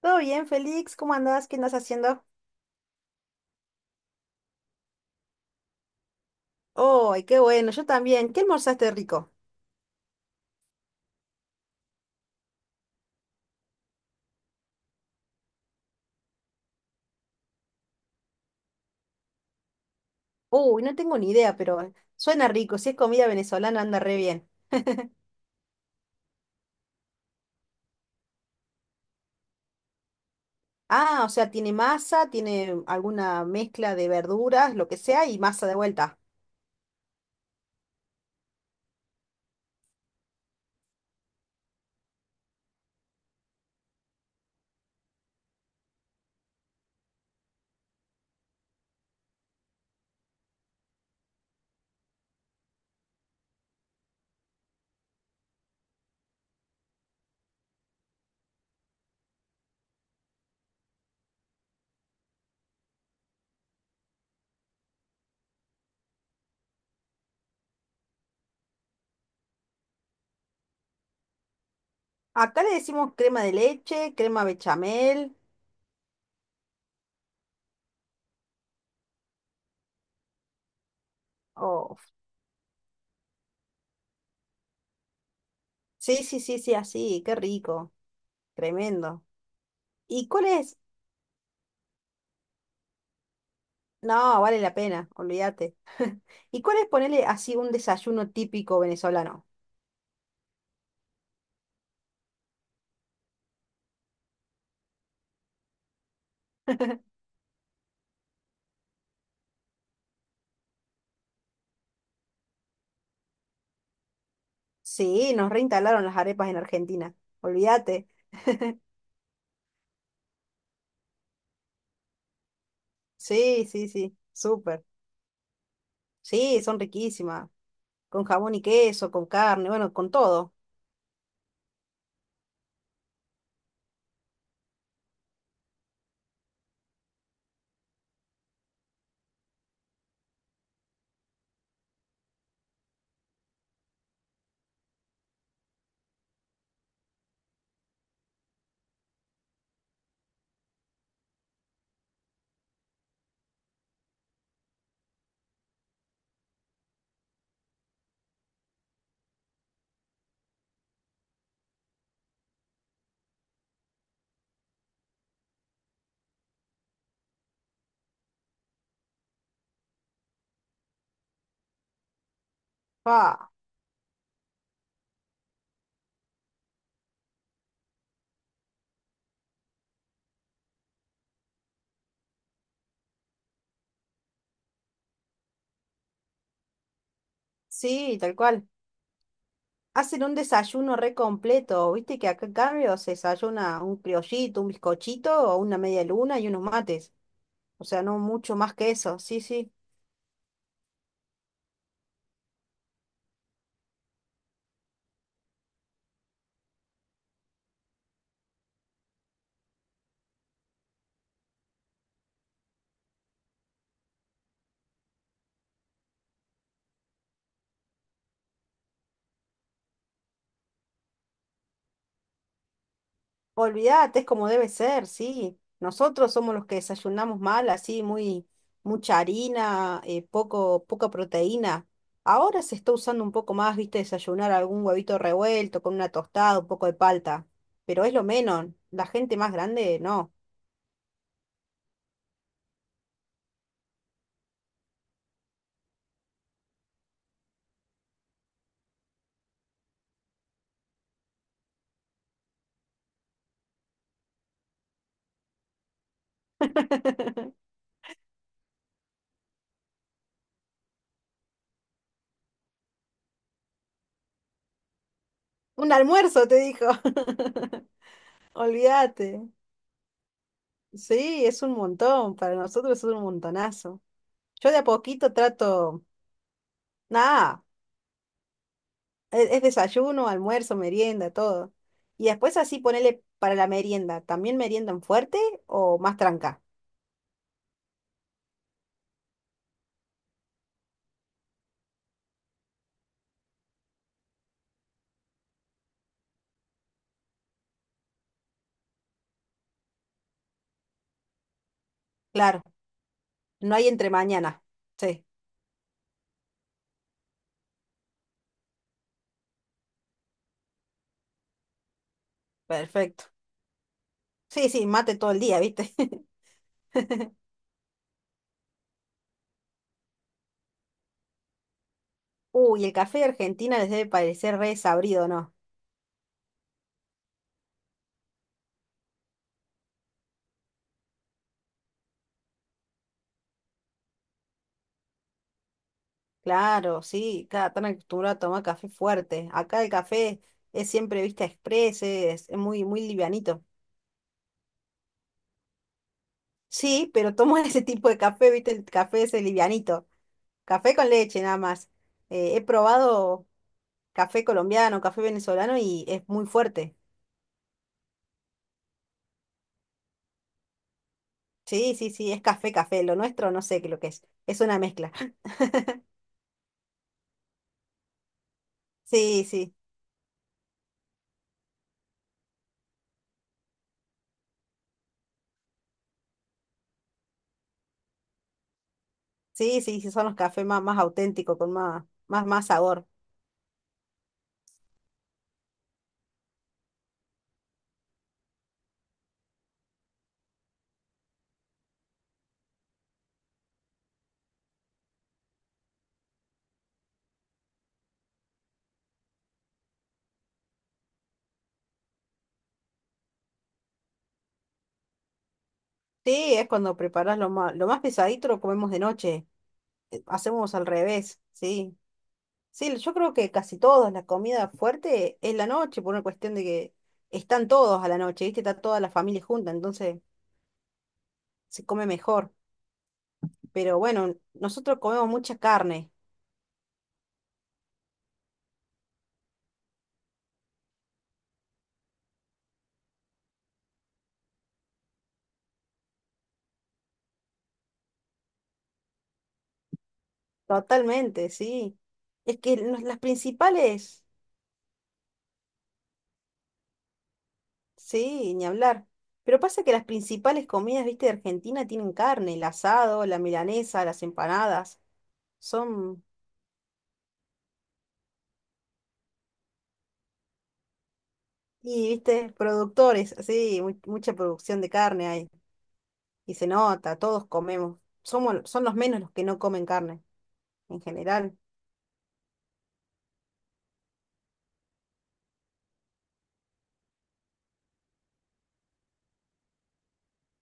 Todo bien, Félix, ¿cómo andás? ¿Qué andás haciendo? ¡Ay, qué bueno! Yo también. ¿Qué almorzaste rico? Uy, no tengo ni idea, pero suena rico. Si es comida venezolana, anda re bien. Ah, o sea, tiene masa, tiene alguna mezcla de verduras, lo que sea, y masa de vuelta. Acá le decimos crema de leche, crema bechamel. Oh, sí, sí, sí, sí, así, qué rico. Tremendo. ¿Y cuál es? No, vale la pena, olvídate. ¿Y cuál es ponerle así un desayuno típico venezolano? Sí, nos reinstalaron las arepas en Argentina. Olvídate. Sí, sí, sí. Súper. Sí, son riquísimas. Con jamón y queso, con carne, bueno, con todo. Ah, sí, tal cual. Hacen un desayuno re completo. Viste que acá en cambio se desayuna un criollito, un bizcochito o una media luna y unos mates. O sea, no mucho más que eso. Sí, sí. Olvídate, es como debe ser, sí. Nosotros somos los que desayunamos mal, así, muy, mucha harina, poco, poca proteína. Ahora se está usando un poco más, viste, desayunar algún huevito revuelto con una tostada, un poco de palta. Pero es lo menos. La gente más grande, no. Un almuerzo, te dijo. Olvídate. Sí, es un montón. Para nosotros es un montonazo. Yo de a poquito trato. Nada. Es desayuno, almuerzo, merienda, todo. Y después así ponele para la merienda. ¿También meriendan fuerte o más tranca? Claro, no hay entre mañana. Sí, perfecto. Sí, sí, mate todo el día, ¿viste? Uy, el café de Argentina les debe parecer re sabrido, ¿no? Claro, sí, cada tan acostumbrado a tomar café fuerte. Acá el café es siempre, viste, express, es muy, muy livianito. Sí, pero tomo ese tipo de café, viste, el café ese livianito. Café con leche, nada más. He probado café colombiano, café venezolano y es muy fuerte. Sí, sí, sí, es café, café. Lo nuestro no sé qué lo que es. Es una mezcla. Sí, sí, sí, sí, sí, son los cafés más, más auténticos, con más, más, más sabor. Sí, es cuando preparas lo más pesadito lo comemos de noche. Hacemos al revés, sí. Sí, yo creo que casi todos, la comida fuerte es la noche, por una cuestión de que están todos a la noche, ¿viste? Está toda la familia junta, entonces se come mejor. Pero bueno, nosotros comemos mucha carne, totalmente, sí. Es que las principales, sí, ni hablar. Pero pasa que las principales comidas, viste, de Argentina tienen carne, el asado, la milanesa, las empanadas. Son, y viste, productores, sí, mucha producción de carne hay. Y se nota, todos comemos. Somos, son los menos los que no comen carne, en general.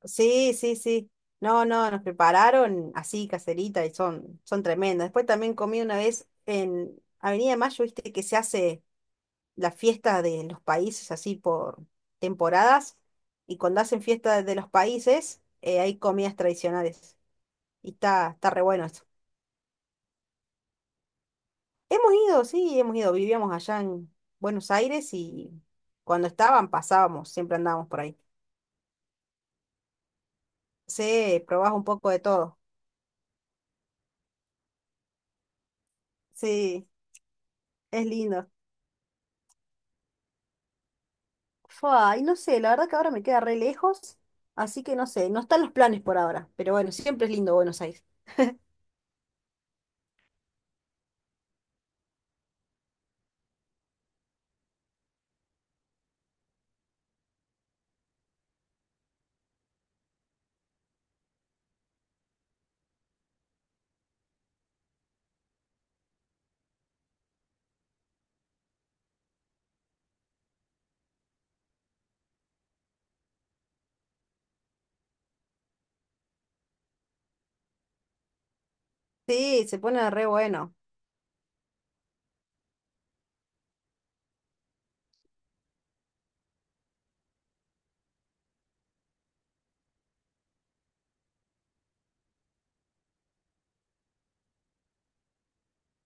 Sí, sí, sí. No, no, nos prepararon así, caserita, y son, son tremendas. Después también comí una vez en Avenida Mayo, viste que se hace la fiesta de los países así por temporadas, y cuando hacen fiesta de los países, hay comidas tradicionales. Y está, está re bueno eso. Hemos ido, sí, hemos ido. Vivíamos allá en Buenos Aires y cuando estaban pasábamos, siempre andábamos por ahí. Sí, probás un poco de todo. Sí, es lindo. Fua, y no sé, la verdad que ahora me queda re lejos, así que no sé, no están los planes por ahora, pero bueno, siempre es lindo Buenos Aires. Sí, se pone re bueno.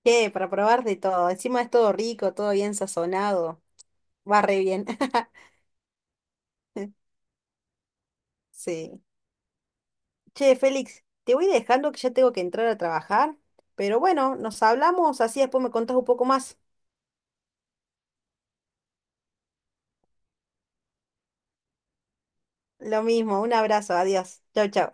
¿Qué? Para probar de todo. Encima es todo rico, todo bien sazonado. Va re bien. Sí. Che, Félix, te voy dejando que ya tengo que entrar a trabajar, pero bueno, nos hablamos, así después me contás un poco más. Lo mismo, un abrazo, adiós. Chau, chau.